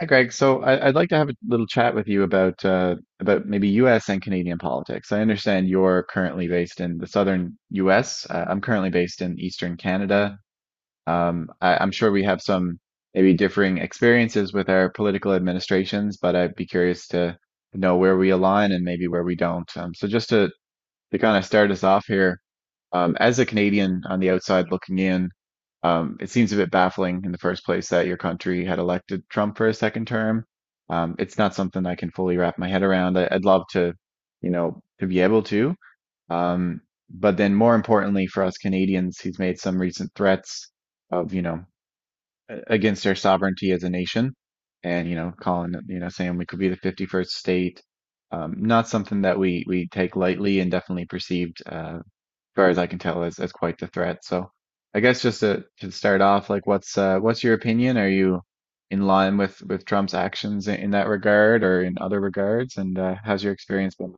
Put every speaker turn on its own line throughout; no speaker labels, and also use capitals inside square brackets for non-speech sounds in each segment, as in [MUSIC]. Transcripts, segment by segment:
Hi, Greg. So I'd like to have a little chat with you about maybe U.S. and Canadian politics. I understand you're currently based in the southern U.S. I'm currently based in eastern Canada. I'm sure we have some maybe differing experiences with our political administrations, but I'd be curious to know where we align and maybe where we don't. So just to kind of start us off here, as a Canadian on the outside looking in, it seems a bit baffling in the first place that your country had elected Trump for a second term. It's not something I can fully wrap my head around. I'd love to, you know, to be able to. Um, but then more importantly for us Canadians, he's made some recent threats of, you know, against their sovereignty as a nation, and you know you know saying we could be the 51st state. Not something that we take lightly, and definitely perceived as far as I can tell as quite the threat. So I guess just to start off, like, what's your opinion? Are you in line with Trump's actions in that regard or in other regards, and how's your experience been?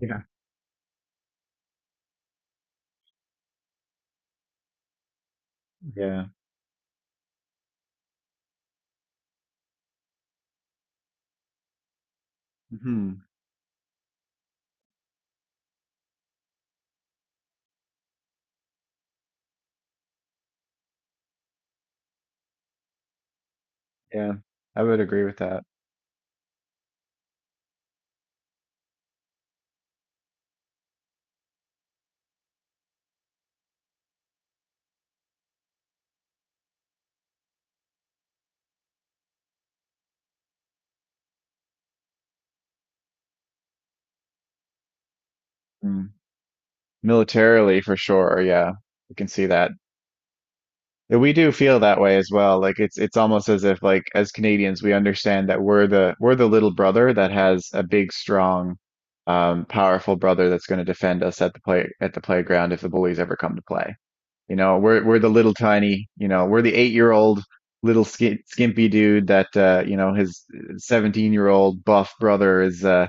Yeah. Yeah. Hmm. Yeah, I would agree with that. Mm. Militarily for sure, yeah, we can see that. Yeah, we do feel that way as well. Like, it's almost as if, like, as Canadians we understand that we're the little brother that has a big, strong, powerful brother that's going to defend us at the playground if the bullies ever come to play. You know, we're the little tiny, you know, we're the eight-year-old little sk skimpy dude that you know, his 17-year-old buff brother is uh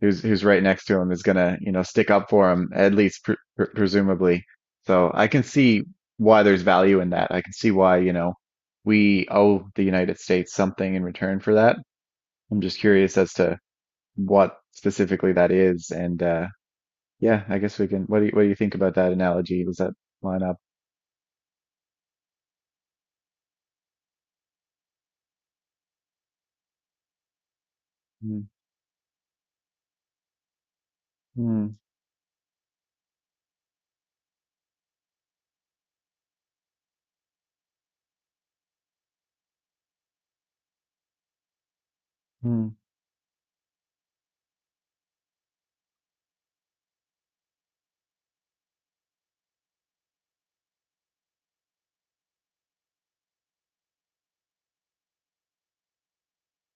who's who's right next to him is gonna, you know, stick up for him, at least presumably. So I can see why there's value in that. I can see why, you know, we owe the United States something in return for that. I'm just curious as to what specifically that is, and yeah, I guess we can. What do you think about that analogy? Does that line up? Mm-hmm. Mm,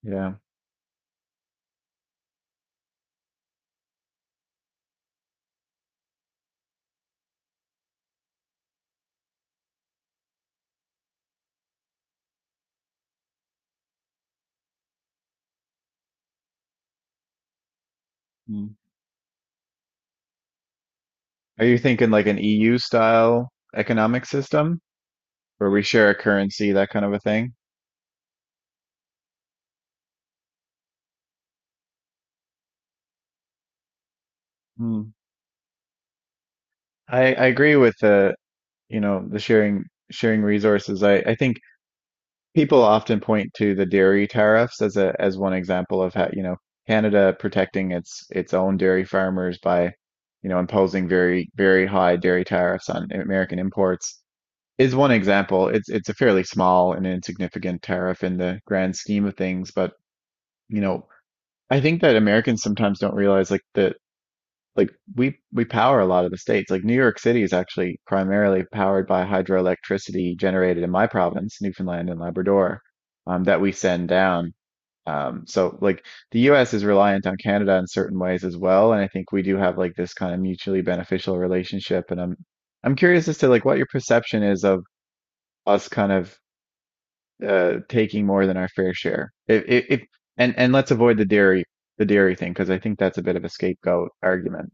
yeah. Mm. Are you thinking like an EU style economic system where we share a currency, that kind of a thing? Mm. I agree with the, you know, the sharing resources. I think people often point to the dairy tariffs as a as one example of how, you know, Canada protecting its own dairy farmers by, you know, imposing very, very high dairy tariffs on American imports is one example. It's a fairly small and insignificant tariff in the grand scheme of things, but you know, I think that Americans sometimes don't realize, like, that like we power a lot of the states. Like, New York City is actually primarily powered by hydroelectricity generated in my province, Newfoundland and Labrador, that we send down. So like the US is reliant on Canada in certain ways as well, and I think we do have like this kind of mutually beneficial relationship. And I'm curious as to like what your perception is of us kind of taking more than our fair share. If And and let's avoid the dairy thing because I think that's a bit of a scapegoat argument.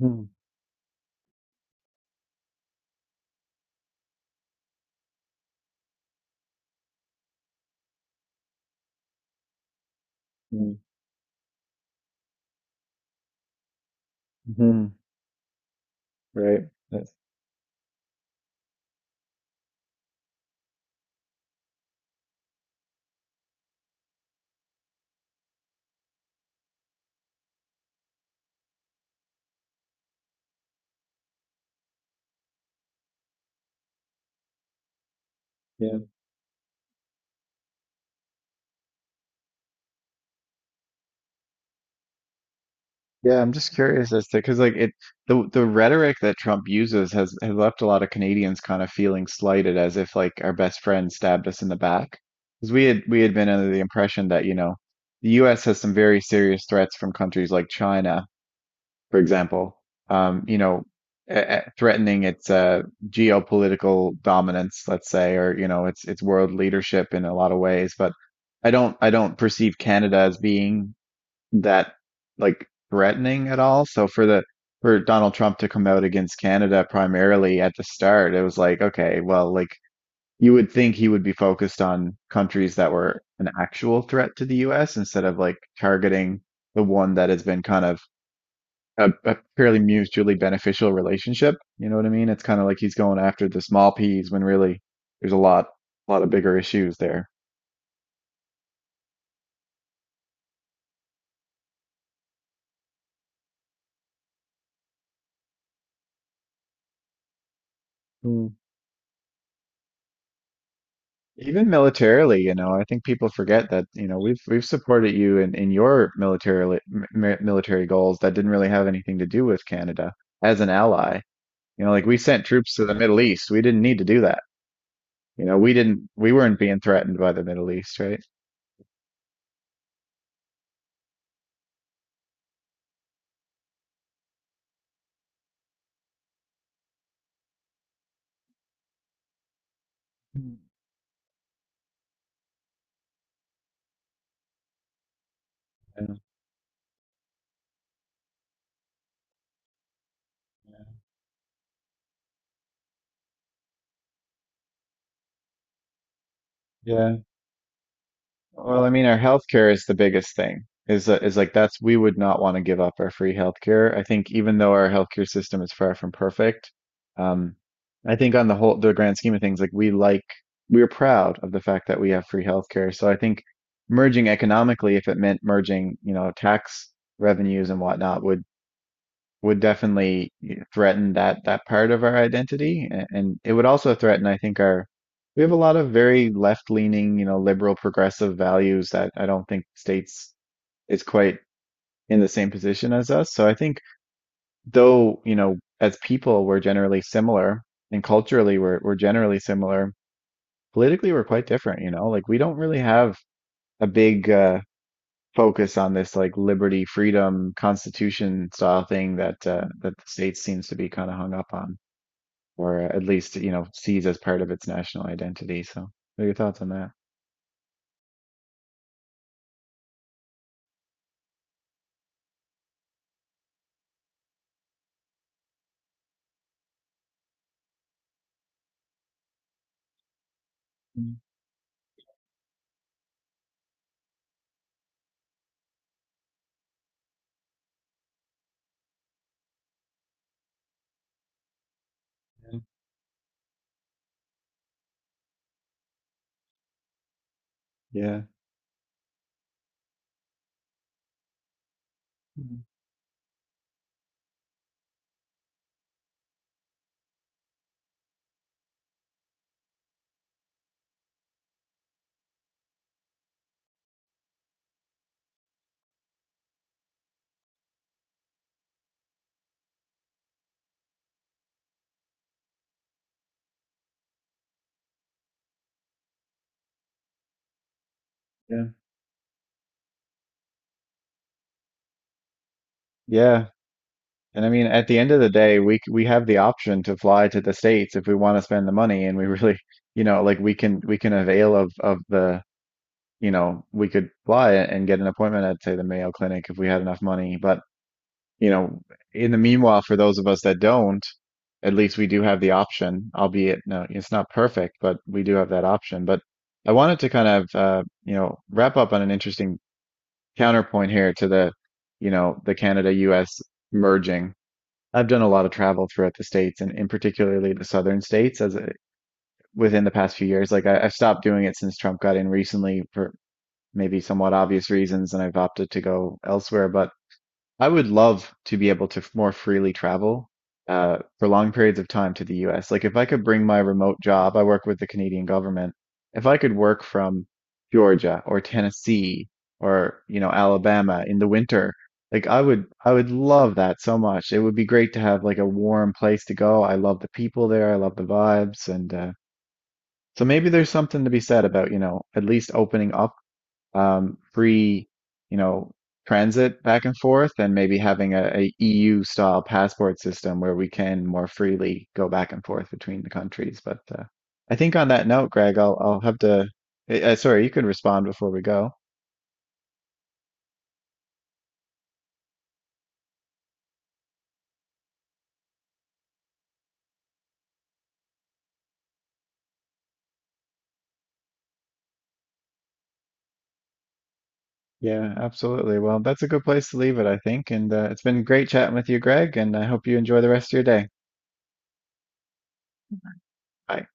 Mm-hmm. Mm-hmm. Right. That's— yeah. Yeah. I'm just curious as to, because like it, the rhetoric that Trump uses has left a lot of Canadians kind of feeling slighted, as if like our best friend stabbed us in the back, because we had been under the impression that you know the U.S. has some very serious threats from countries like China, for example, um, you know, threatening its geopolitical dominance, let's say, or you know, its world leadership in a lot of ways. But I don't perceive Canada as being that, like, threatening at all. So for the for Donald Trump to come out against Canada primarily at the start, it was like, okay, well, like, you would think he would be focused on countries that were an actual threat to the US instead of like targeting the one that has been kind of a fairly mutually beneficial relationship. You know what I mean? It's kind of like he's going after the small peas when really there's a lot of bigger issues there. Mm. Even militarily, you know, I think people forget that, you know, we've supported you in your military military goals that didn't really have anything to do with Canada as an ally. You know, like, we sent troops to the Middle East. We didn't need to do that. You know, we didn't we weren't being threatened by the Middle East, right? Mm. Yeah. Yeah. Well, I mean, our healthcare is the biggest thing. Is like that's, we would not want to give up our free healthcare. I think even though our healthcare system is far from perfect, um, I think on the whole, the grand scheme of things, like we like we're proud of the fact that we have free healthcare. So I think merging economically, if it meant merging, you know, tax revenues and whatnot, would definitely threaten that part of our identity, and it would also threaten, I think, our, we have a lot of very left-leaning, you know, liberal progressive values that I don't think states is quite in the same position as us. So I think though, you know, as people we're generally similar, and culturally we're generally similar, politically we're quite different. You know, like, we don't really have a big focus on this, like, liberty, freedom, constitution style thing that that the state seems to be kind of hung up on, or at least, you know, sees as part of its national identity. So, what are your thoughts on that? Mm. Yeah. Mm, yeah, yeah. And I mean, at the end of the day, we we have the option to fly to the States if we want to spend the money, and we [LAUGHS] really, you know, like, we can avail of the, you know, we could fly and get an appointment at say the Mayo Clinic if we had enough money, but you know, in the meanwhile, for those of us that don't, at least we do have the option, albeit, no, it's not perfect, but we do have that option. But I wanted to kind of, you know, wrap up on an interesting counterpoint here to the, you know, the Canada-US merging. I've done a lot of travel throughout the states, and, in particularly the southern states as a, within the past few years. Like, I, I've stopped doing it since Trump got in recently for maybe somewhat obvious reasons, and I've opted to go elsewhere. But I would love to be able to more freely travel for long periods of time to the US. Like, if I could bring my remote job, I work with the Canadian government. If I could work from Georgia or Tennessee or, you know, Alabama in the winter, like I would love that so much. It would be great to have like a warm place to go. I love the people there. I love the vibes, and so maybe there's something to be said about, you know, at least opening up free, you know, transit back and forth, and maybe having a, EU style passport system where we can more freely go back and forth between the countries. But I think on that note, Greg, I'll have to. Sorry, you can respond before we go. Yeah, absolutely. Well, that's a good place to leave it, I think. And it's been great chatting with you, Greg, and I hope you enjoy the rest of your day. Bye.